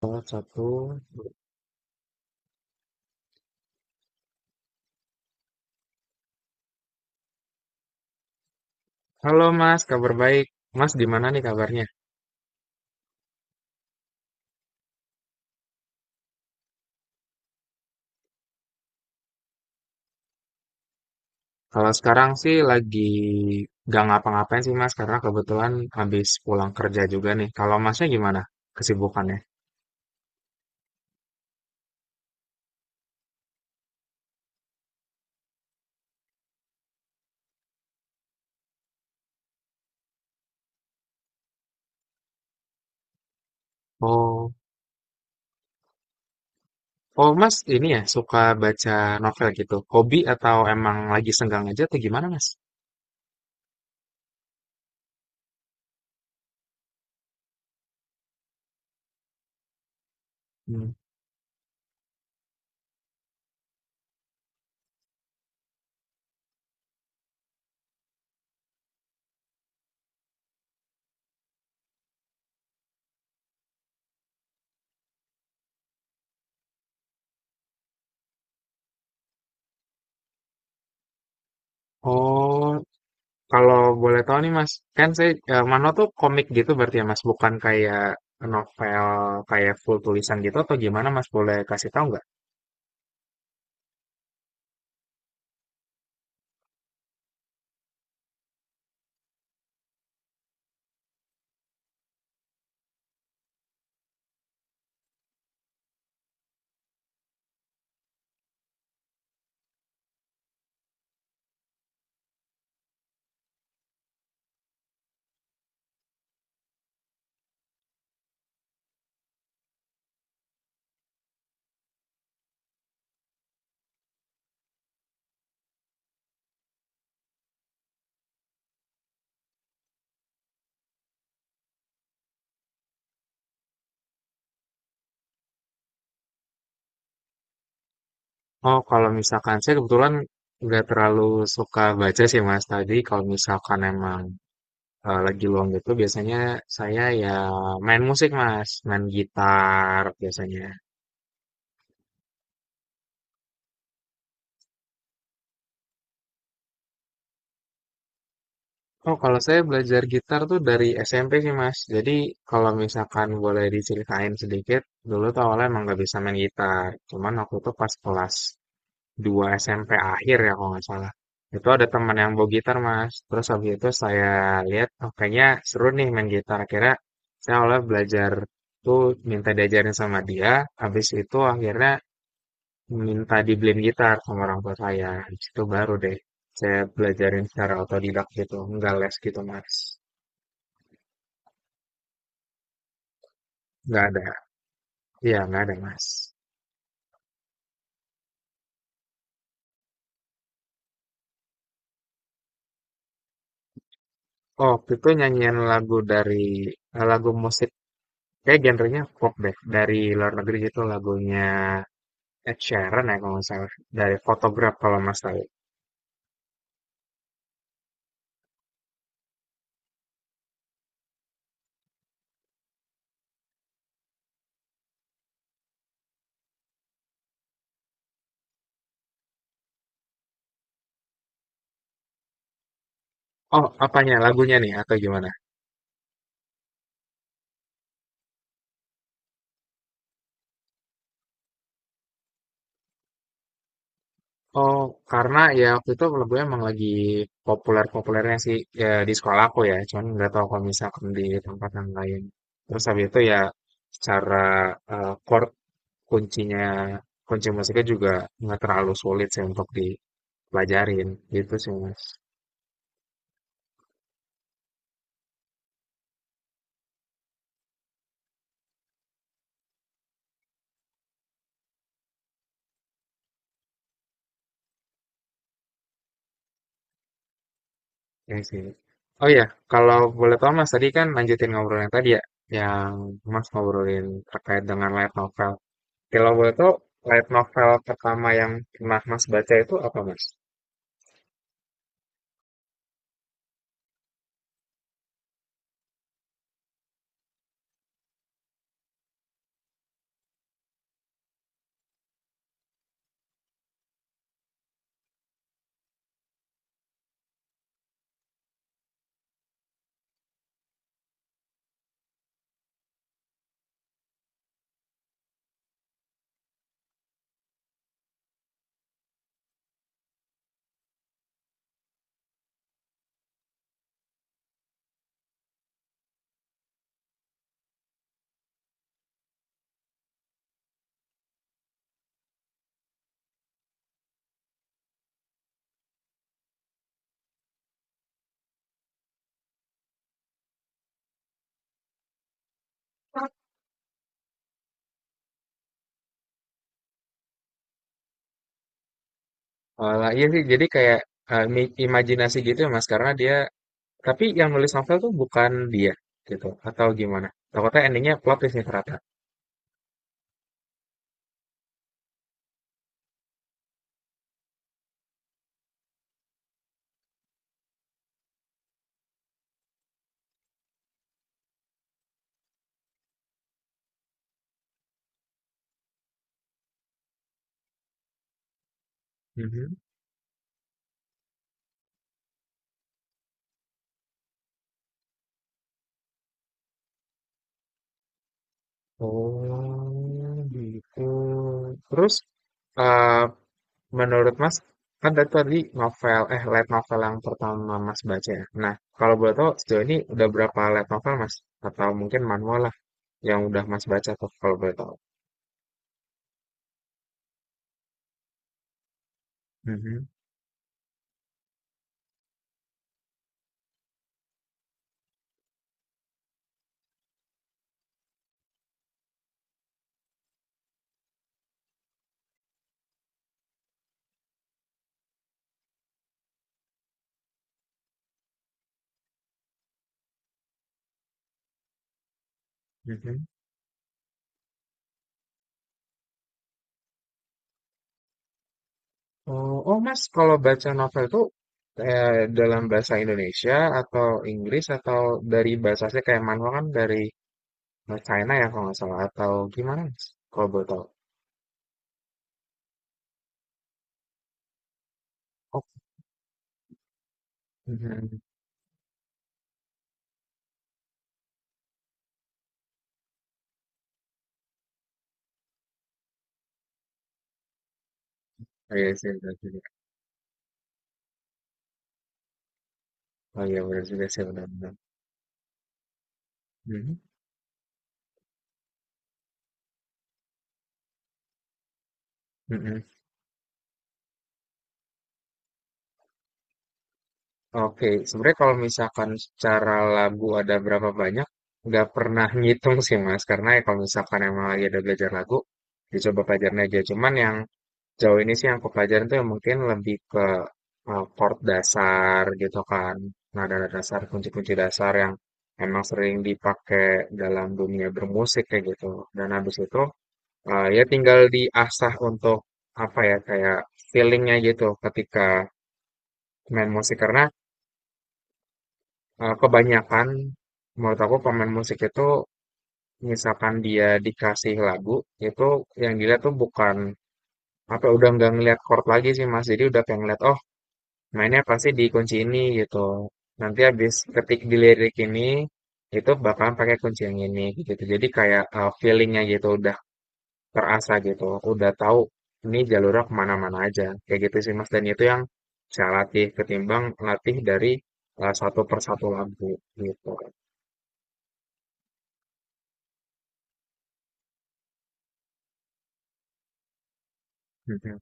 Salah satu. Halo Mas, kabar baik. Mas, gimana nih kabarnya? Kalau sekarang sih lagi gak ngapa-ngapain sih Mas, karena kebetulan habis pulang kerja juga nih. Kalau Masnya gimana kesibukannya? Oh, oh, Mas ini ya suka baca novel gitu. Hobi atau emang lagi senggang aja atau gimana Mas? Hmm. Oh, kalau boleh tahu nih Mas, kan saya Mano tuh komik gitu berarti ya Mas, bukan kayak novel kayak full tulisan gitu atau gimana Mas? Boleh kasih tahu nggak? Oh, kalau misalkan saya kebetulan nggak terlalu suka baca sih Mas tadi. Kalau misalkan emang lagi luang gitu, biasanya saya ya main musik Mas, main gitar biasanya. Oh, kalau saya belajar gitar tuh dari SMP sih Mas. Jadi kalau misalkan boleh diceritain sedikit, dulu tuh awalnya emang nggak bisa main gitar. Cuman aku tuh pas kelas dua SMP akhir ya kalau nggak salah. Itu ada teman yang bawa gitar mas. Terus habis itu saya lihat, oh kayaknya seru nih main gitar. Akhirnya saya oleh belajar tuh minta diajarin sama dia. Habis itu akhirnya minta dibeliin gitar sama orang tua saya. Habis itu baru deh saya belajarin secara otodidak gitu. Nggak les gitu mas. Nggak ada. Iya nggak ada mas. Oh, waktu itu nyanyian lagu dari lagu musik kayak genrenya pop deh dari luar negeri itu lagunya Ed Sheeran ya kalau nggak salah dari Photograph kalau Mas tahu. Oh, apanya lagunya nih atau gimana? Oh, karena ya waktu itu lagunya emang lagi populer-populernya sih ya, di sekolah aku ya. Cuman nggak tahu kalau misalkan di tempat yang lain. Terus habis itu ya secara chord kuncinya kunci musiknya juga nggak terlalu sulit sih untuk dipelajarin gitu sih Mas. Ya sih. Oh iya, kalau boleh tahu Mas tadi kan lanjutin ngobrol yang tadi ya yang Mas ngobrolin terkait dengan light novel. Kalau boleh tahu, light novel pertama yang pernah Mas baca itu apa, Mas? Malah iya sih, jadi kayak imajinasi gitu ya, Mas, karena dia tapi yang nulis novel tuh bukan dia gitu atau gimana? Takutnya endingnya plot twist nih ternyata. Mhm. Oh, gitu. Terus eh, menurut Mas, kan tadi tadi novel, eh light novel yang pertama Mas baca ya. Nah, kalau boleh tahu sejauh ini udah berapa light novel Mas? Atau mungkin manual lah yang udah Mas baca tuh kalau boleh tahu. Mhm, mhm. Oh, Mas, kalau baca novel tuh eh, dalam bahasa Indonesia atau Inggris atau dari bahasanya kayak manual kan dari China ya kalau nggak salah atau gimana Mas? Kalau boleh tahu. Oh, mhm. Oh, iya sih, benar juga. Oh iya benar juga sih benar-benar. Mhm, mhm. Oke, sebenarnya kalau misalkan secara lagu ada berapa banyak, nggak pernah ngitung sih Mas, karena ya kalau misalkan emang lagi ada belajar lagu, dicoba pelajarin aja. Cuman yang jauh ini sih yang aku pelajarin tuh yang mungkin lebih ke chord dasar gitu kan, nada-nada dasar, kunci-kunci dasar yang emang sering dipakai dalam dunia bermusik kayak gitu. Dan habis itu ya tinggal diasah untuk apa ya kayak feelingnya gitu ketika main musik karena kebanyakan menurut aku pemain musik itu misalkan dia dikasih lagu itu yang dilihat tuh bukan apa ya, udah nggak ngeliat chord lagi sih Mas jadi udah pengen ngeliat oh mainnya pasti di kunci ini gitu nanti habis ketik di lirik ini itu bakalan pakai kunci yang ini gitu jadi kayak feelingnya gitu udah terasa gitu udah tahu ini jalurnya kemana-mana aja kayak gitu sih Mas dan itu yang saya latih ketimbang latih dari satu persatu lagu gitu. Hmm.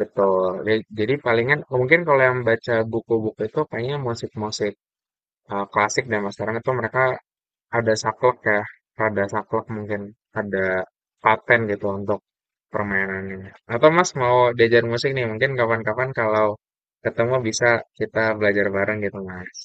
Betul. Ya, jadi palingan mungkin kalau yang baca buku-buku itu kayaknya musik-musik klasik dan mas sekarang itu mereka ada saklek ya, ada saklek mungkin ada paten gitu untuk permainannya. Atau mas mau diajar musik nih mungkin kapan-kapan kalau ketemu bisa kita belajar bareng gitu mas.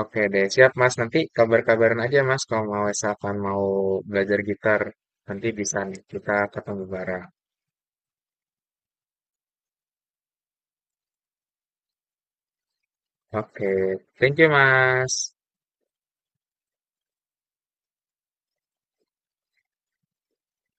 Oke deh, siap mas. Nanti kabar-kabaran aja mas kalau mau misalkan mau belajar gitar nanti bisa nih kita ketemu bareng. Oke, thank you mas.